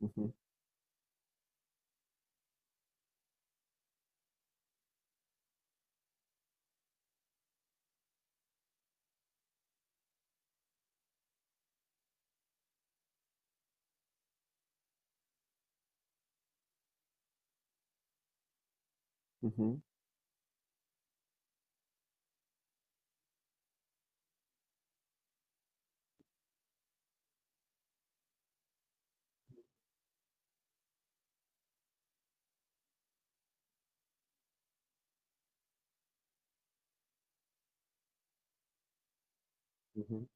Hı hı. Hı hı. Hı hı.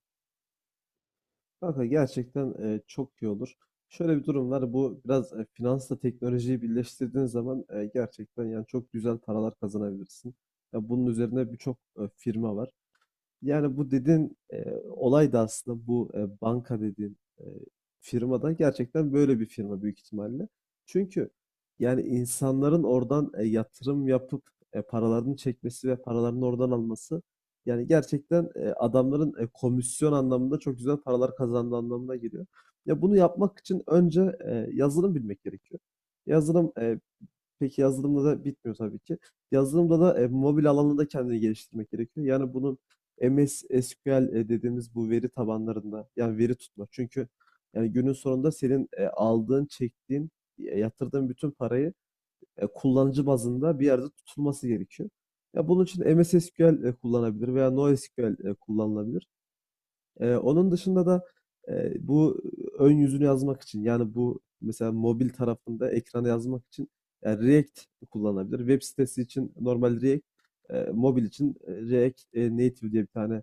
Kanka gerçekten, çok iyi olur. Şöyle bir durum var. Bu biraz, finansla teknolojiyi birleştirdiğin zaman, gerçekten yani çok güzel paralar kazanabilirsin. Ya bunun üzerine birçok, firma var. Yani bu dediğin olay da aslında bu banka dediğin firmada gerçekten böyle bir firma büyük ihtimalle. Çünkü yani insanların oradan yatırım yapıp paralarını çekmesi ve paralarını oradan alması yani gerçekten adamların komisyon anlamında çok güzel paralar kazandığı anlamına geliyor. Ya bunu yapmak için önce yazılım bilmek gerekiyor. Yazılım. Peki yazılımla da bitmiyor tabii ki. Yazılımda da mobil alanında kendini geliştirmek gerekiyor. Yani bunun MS SQL dediğimiz bu veri tabanlarında yani veri tutma. Çünkü yani günün sonunda senin aldığın, çektiğin, yatırdığın bütün parayı kullanıcı bazında bir yerde tutulması gerekiyor. Ya bunun için MS SQL kullanabilir veya NoSQL kullanılabilir. Onun dışında da, bu ön yüzünü yazmak için, yani, bu mesela mobil tarafında ekrana yazmak için, React kullanılabilir. Web sitesi için normal React, mobil için, React, Native diye bir tane,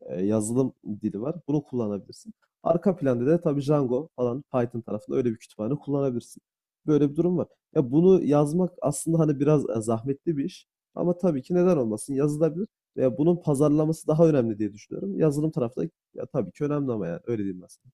yazılım dili var. Bunu kullanabilirsin. Arka planda da tabii Django falan Python tarafında öyle bir kütüphane kullanabilirsin. Böyle bir durum var. Ya bunu yazmak aslında hani biraz zahmetli bir iş. Ama tabii ki neden olmasın yazılabilir. Ve bunun pazarlaması daha önemli diye düşünüyorum. Yazılım tarafı da ya tabii ki önemli ama yani öyle diyeyim aslında.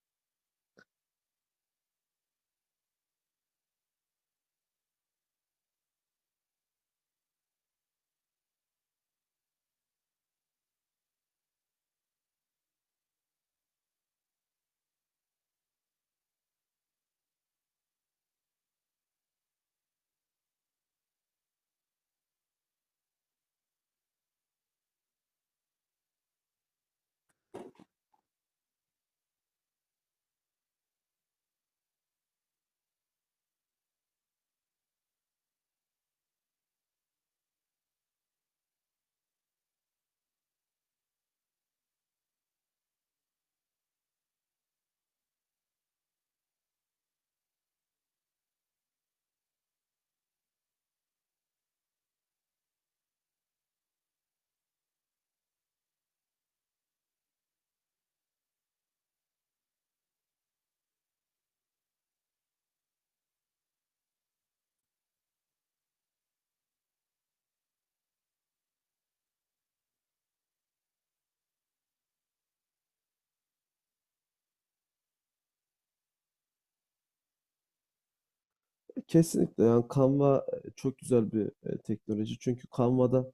Kesinlikle yani Canva çok güzel bir teknoloji. Çünkü Canva'da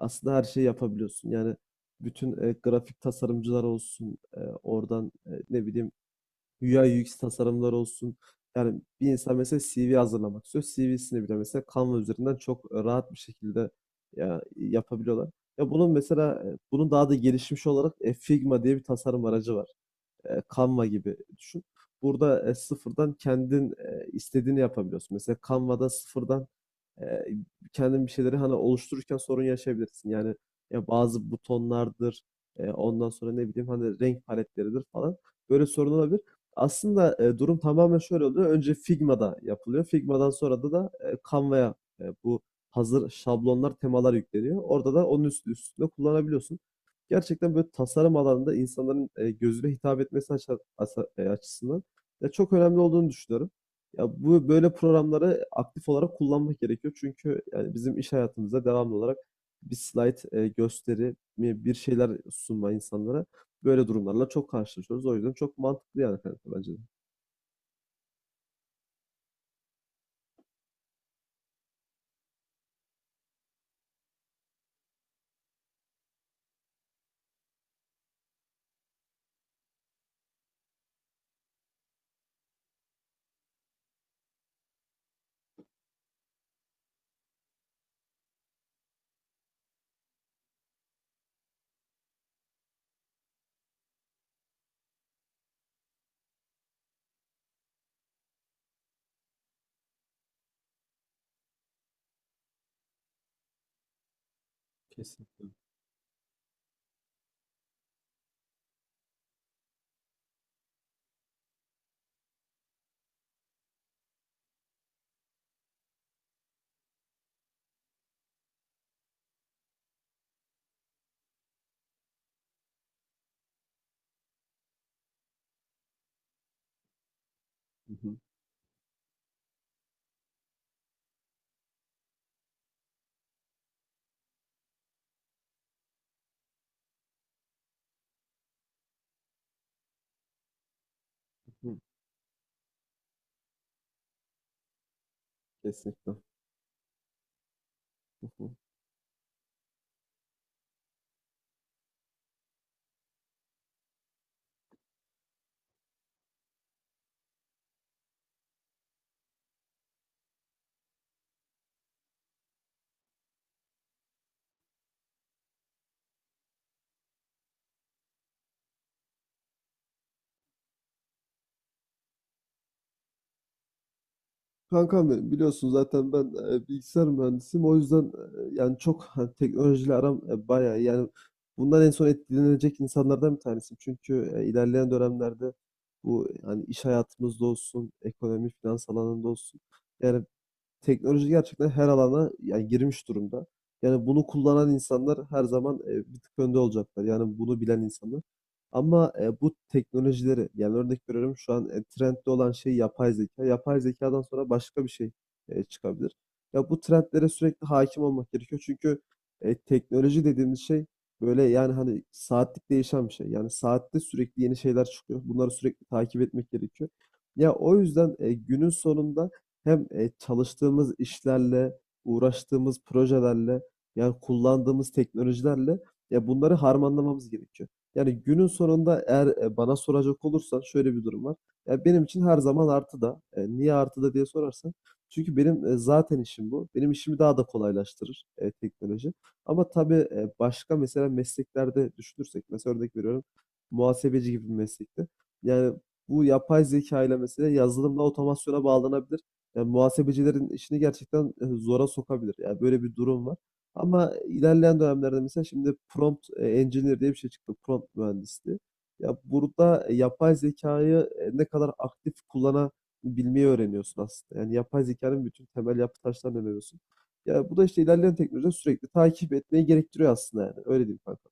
aslında her şeyi yapabiliyorsun. Yani bütün grafik tasarımcılar olsun, oradan ne bileyim UI UX tasarımlar olsun. Yani bir insan mesela CV hazırlamak istiyor. CV'sini bile mesela Canva üzerinden çok rahat bir şekilde ya, yapabiliyorlar. Ya bunun mesela bunun daha da gelişmiş olarak Figma diye bir tasarım aracı var. Canva gibi düşün. Burada sıfırdan kendin istediğini yapabiliyorsun. Mesela Canva'da sıfırdan e, kendin bir şeyleri hani oluştururken sorun yaşayabilirsin. Yani ya bazı butonlardır, ondan sonra ne bileyim hani renk paletleridir falan. Böyle sorun olabilir. Aslında durum tamamen şöyle oluyor. Önce Figma'da yapılıyor. Figma'dan sonra da Canva'ya bu hazır şablonlar, temalar yükleniyor. Orada da onun üstü üstünde kullanabiliyorsun. Gerçekten böyle tasarım alanında insanların gözüne hitap etmesi açısından ya çok önemli olduğunu düşünüyorum. Ya bu böyle programları aktif olarak kullanmak gerekiyor. Çünkü yani bizim iş hayatımızda devamlı olarak bir slayt bir şeyler sunma insanlara böyle durumlarla çok karşılaşıyoruz. O yüzden çok mantıklı yani kanka bence de. Kesinlikle. Hı hı, hı, hı. Kesinlikle. Hı hı. Kankam benim biliyorsun zaten ben bilgisayar mühendisiyim. O yüzden yani çok hani, teknolojiyle aram bayağı iyi. Yani bundan en son etkilenecek insanlardan bir tanesiyim. Çünkü ilerleyen dönemlerde bu yani iş hayatımızda olsun, ekonomi, finans alanında olsun. Yani teknoloji gerçekten her alana yani girmiş durumda. Yani bunu kullanan insanlar her zaman bir tık önde olacaklar. Yani bunu bilen insanlar. Ama bu teknolojileri yani örnek veriyorum şu an trendde olan şey yapay zeka. Yapay zekadan sonra başka bir şey çıkabilir. Ya bu trendlere sürekli hakim olmak gerekiyor. Çünkü teknoloji dediğimiz şey böyle yani hani saatlik değişen bir şey. Yani saatte sürekli yeni şeyler çıkıyor. Bunları sürekli takip etmek gerekiyor. Ya o yüzden günün sonunda hem çalıştığımız işlerle, uğraştığımız projelerle, yani kullandığımız teknolojilerle ya bunları harmanlamamız gerekiyor. Yani günün sonunda eğer bana soracak olursan şöyle bir durum var. Ya benim için her zaman artıda. Niye artıda diye sorarsan. Çünkü benim zaten işim bu. Benim işimi daha da kolaylaştırır teknoloji. Ama tabii başka mesela mesleklerde düşünürsek, mesela örnek veriyorum muhasebeci gibi bir meslekte. Yani bu yapay zeka ile mesela yazılımla otomasyona bağlanabilir. Yani muhasebecilerin işini gerçekten zora sokabilir. Yani böyle bir durum var. Ama ilerleyen dönemlerde mesela şimdi prompt engineer diye bir şey çıktı. Prompt mühendisliği. Ya burada yapay zekayı ne kadar aktif kullanabilmeyi öğreniyorsun aslında. Yani yapay zekanın bütün temel yapı taşlarını öğreniyorsun. Ya bu da işte ilerleyen teknolojide sürekli takip etmeyi gerektiriyor aslında yani. Öyle diyeyim kanka.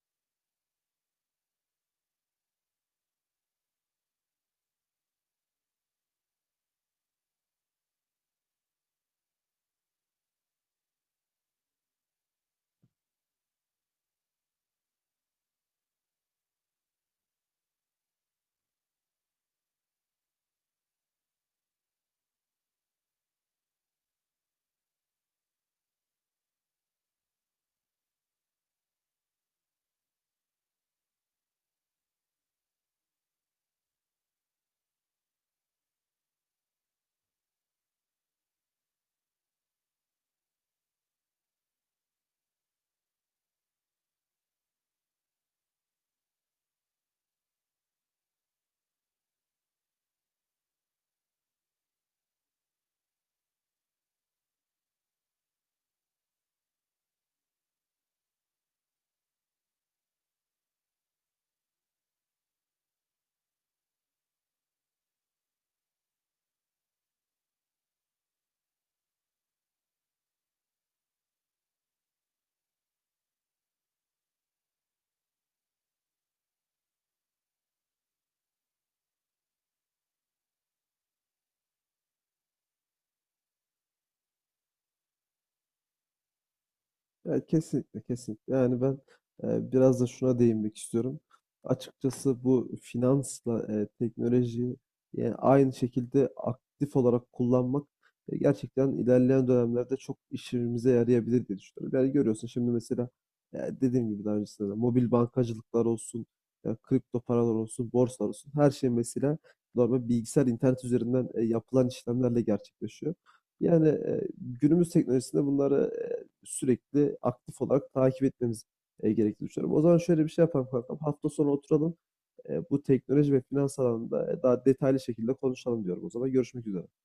Ya kesinlikle kesinlikle. Yani ben biraz da şuna değinmek istiyorum. Açıkçası bu finansla teknolojiyi yani aynı şekilde aktif olarak kullanmak gerçekten ilerleyen dönemlerde çok işimize yarayabilir diye düşünüyorum. Yani görüyorsun şimdi mesela dediğim gibi daha öncesinde de mobil bankacılıklar olsun, kripto paralar olsun, borsalar olsun her şey mesela normal bilgisayar internet üzerinden yapılan işlemlerle gerçekleşiyor. Yani günümüz teknolojisinde bunları sürekli aktif olarak takip etmemiz, gerektiğini düşünüyorum. O zaman şöyle bir şey yapalım kankam, hafta sonu oturalım, bu teknoloji ve finans alanında daha detaylı şekilde konuşalım diyorum o zaman. Görüşmek üzere.